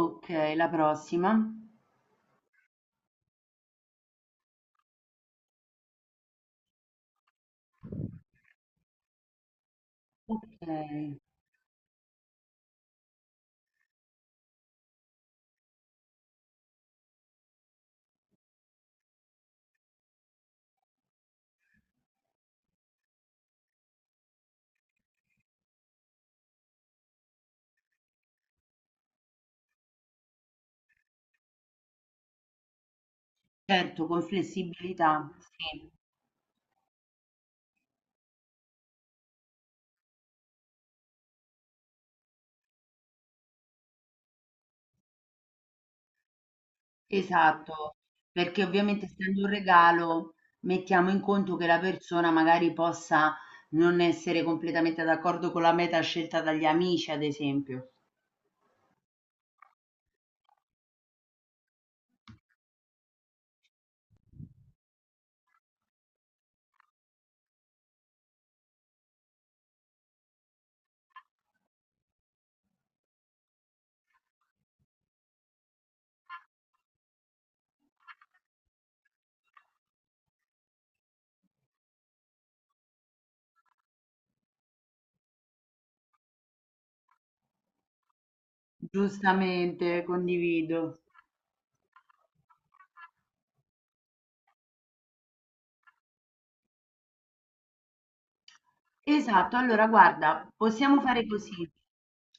Okay, la prossima. Okay. Certo, con flessibilità, sì, esatto. Perché ovviamente essendo un regalo, mettiamo in conto che la persona magari possa non essere completamente d'accordo con la meta scelta dagli amici, ad esempio. Giustamente, condivido. Esatto, allora guarda, possiamo fare così.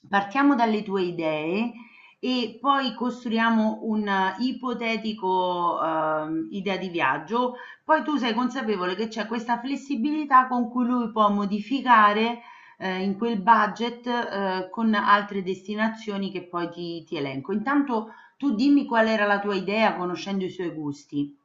Partiamo dalle tue idee e poi costruiamo un ipotetico idea di viaggio. Poi tu sei consapevole che c'è questa flessibilità con cui lui può modificare in quel budget con altre destinazioni che poi ti elenco. Intanto tu dimmi qual era la tua idea conoscendo i suoi gusti.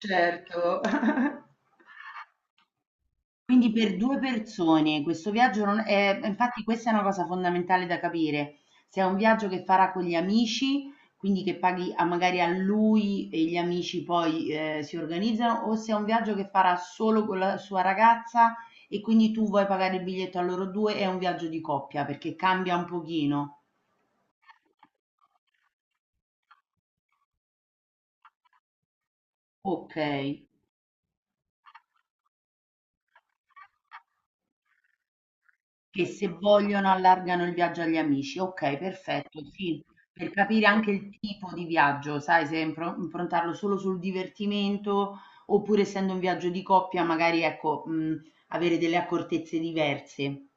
Certo, Quindi per 2 persone questo viaggio non è infatti questa è una cosa fondamentale da capire. Se è un viaggio che farà con gli amici, quindi che paghi a magari a lui e gli amici poi, si organizzano, o se è un viaggio che farà solo con la sua ragazza e quindi tu vuoi pagare il biglietto a loro 2, è un viaggio di coppia perché cambia un pochino. Okay. Che se vogliono allargano il viaggio agli amici. Okay, perfetto, sì, per capire anche il tipo di viaggio, sai, se impro improntarlo solo sul divertimento, oppure essendo un viaggio di coppia magari, ecco, mhmm, avere delle accortezze diverse.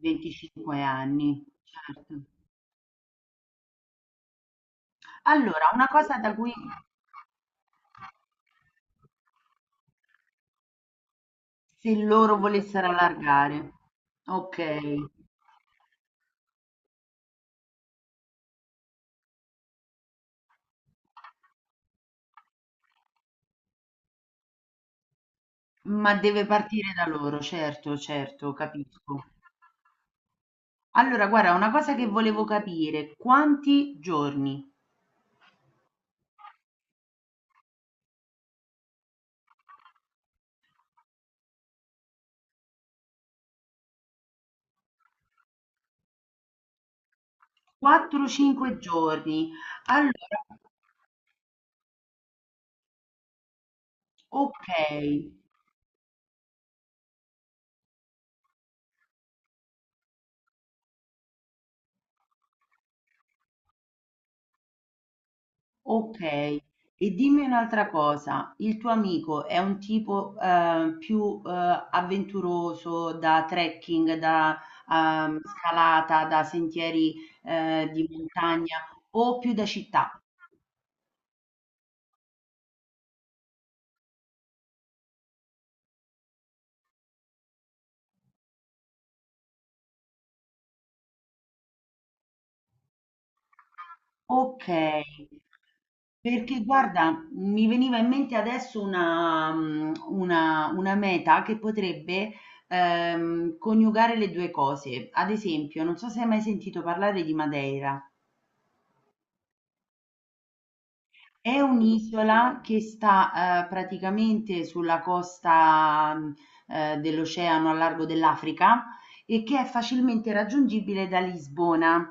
25 anni, certo. Allora, una cosa da cui se loro volessero allargare. Okay, ma deve partire da loro, certo, certo, capisco. Allora, guarda, una cosa che volevo capire, quanti giorni? 4-5 giorni. Allora, ok, ok. E dimmi un'altra cosa, il tuo amico è un tipo più avventuroso da trekking, da scalata, da sentieri di montagna o più da città? Okay. Perché guarda, mi veniva in mente adesso una mhmm, una meta che potrebbe coniugare le 2 cose. Ad esempio, non so se hai mai sentito parlare di Madeira. È un'isola che sta praticamente sulla costa dell'oceano a largo dell'Africa e che è facilmente raggiungibile da Lisbona.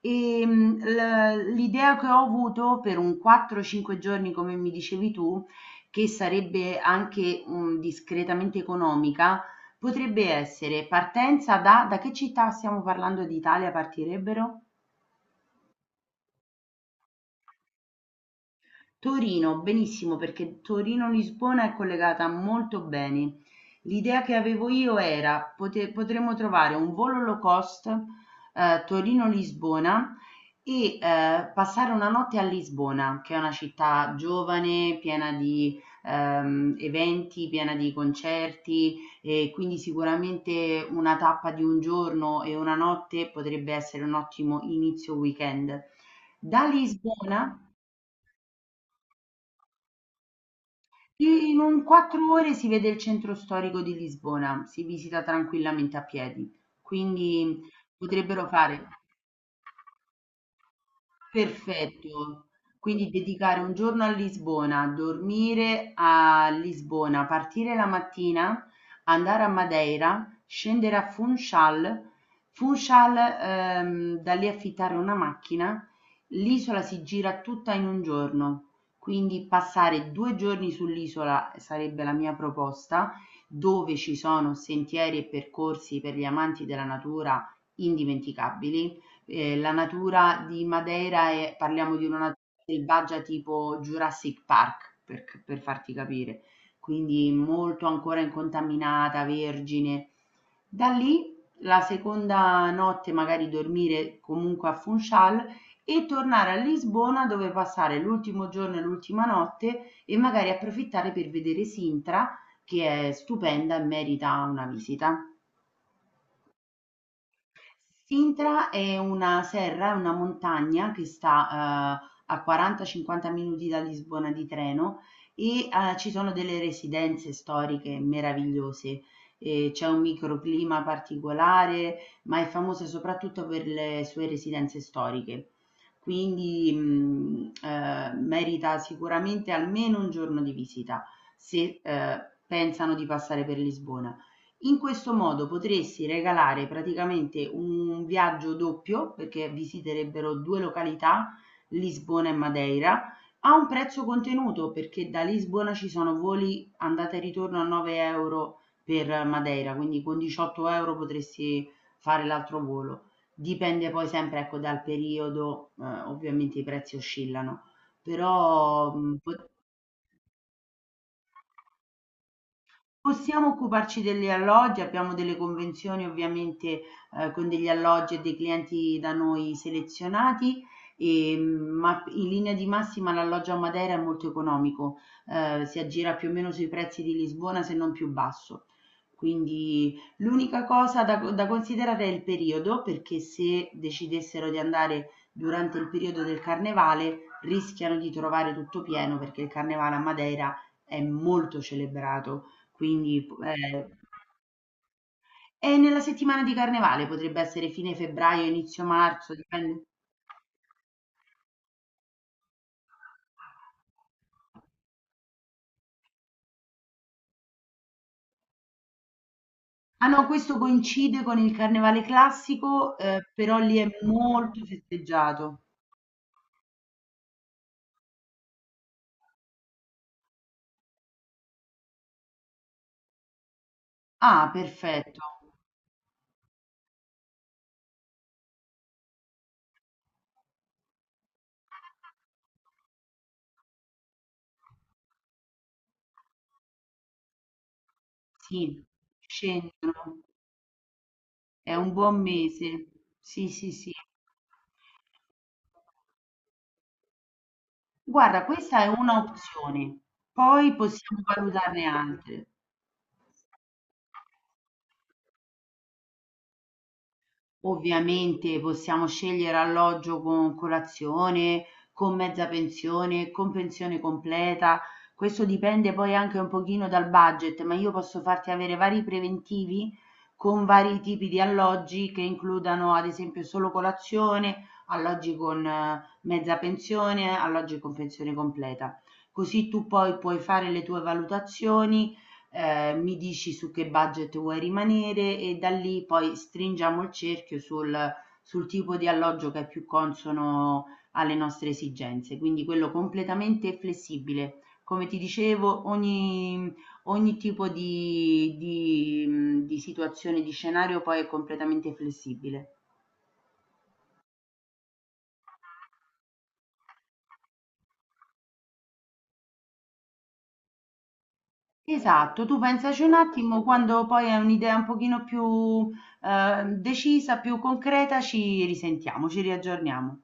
E, l'idea che ho avuto per un 4-5 giorni, come mi dicevi tu, che sarebbe anche discretamente economica, potrebbe essere partenza da che città stiamo parlando d'Italia partirebbero? Torino, benissimo perché Torino-Lisbona è collegata molto bene. L'idea che avevo io era potremmo trovare un volo low cost Torino-Lisbona e passare una notte a Lisbona, che è una città giovane, piena di eventi, piena di concerti e quindi sicuramente una tappa di un giorno e una notte potrebbe essere un ottimo inizio weekend. Da Lisbona, in un quattro ore si vede il centro storico di Lisbona, si visita tranquillamente a piedi, quindi potrebbero fare. Perfetto. Quindi dedicare un giorno a Lisbona, dormire a Lisbona, partire la mattina, andare a Madeira, scendere a Funchal, Funchal, da lì affittare una macchina. L'isola si gira tutta in un giorno, quindi passare due giorni sull'isola sarebbe la mia proposta, dove ci sono sentieri e percorsi per gli amanti della natura indimenticabili. La natura di Madeira è parliamo di una natura selvaggia tipo Jurassic Park, per farti capire, quindi molto ancora incontaminata, vergine. Da lì la seconda notte magari dormire comunque a Funchal e tornare a Lisbona dove passare l'ultimo giorno e l'ultima notte e magari approfittare per vedere Sintra che è stupenda e merita una visita. Sintra è una serra, è una montagna che sta a 40, 50 minuti da Lisbona di treno e, ci sono delle residenze storiche meravigliose. E c'è un microclima particolare, ma è famosa soprattutto per le sue residenze storiche. Quindi, mhmm, merita sicuramente almeno un giorno di visita se, pensano di passare per Lisbona. In questo modo potresti regalare praticamente un viaggio doppio, perché visiterebbero due località, Lisbona e Madeira, a un prezzo contenuto, perché da Lisbona ci sono voli andata e ritorno a 9 euro per Madeira, quindi con 18 euro potresti fare l'altro volo. Dipende poi sempre, ecco, dal periodo, ovviamente i prezzi oscillano, però Possiamo occuparci degli alloggi, abbiamo delle convenzioni ovviamente, con degli alloggi e dei clienti da noi selezionati, ehm, ma in linea di massima l'alloggio a Matera è molto economico, si aggira più o meno sui prezzi di Lisbona se non più basso. Quindi l'unica cosa da considerare è il periodo, perché se decidessero di andare durante il periodo del carnevale rischiano di trovare tutto pieno, perché il carnevale a Madeira è molto celebrato. Quindi p E nella settimana di carnevale potrebbe essere fine febbraio, inizio marzo, dipende. Ah no, questo coincide con il carnevale classico, però lì è molto festeggiato. Ah, perfetto. Sì, scendono. È un buon mese. Sì, sì, sì. Guarda, questa è una opzione, poi possiamo valutarne altre. Ovviamente possiamo scegliere alloggio con colazione, con mezza pensione, con pensione completa. Questo dipende poi anche un pochino dal budget, ma io posso farti avere vari preventivi con vari tipi di alloggi che includano ad esempio solo colazione, alloggi con mezza pensione, alloggi con pensione completa. Così tu poi puoi fare le tue valutazioni mi dici su che budget vuoi rimanere e da lì poi stringiamo il cerchio sul tipo di alloggio che è più consono alle nostre esigenze. Quindi quello completamente flessibile. Come ti dicevo, ogni tipo di situazione, di scenario poi è completamente flessibile. Esatto, tu pensaci un attimo, quando poi hai un'idea un pochino più decisa, più concreta, ci risentiamo, ci riaggiorniamo.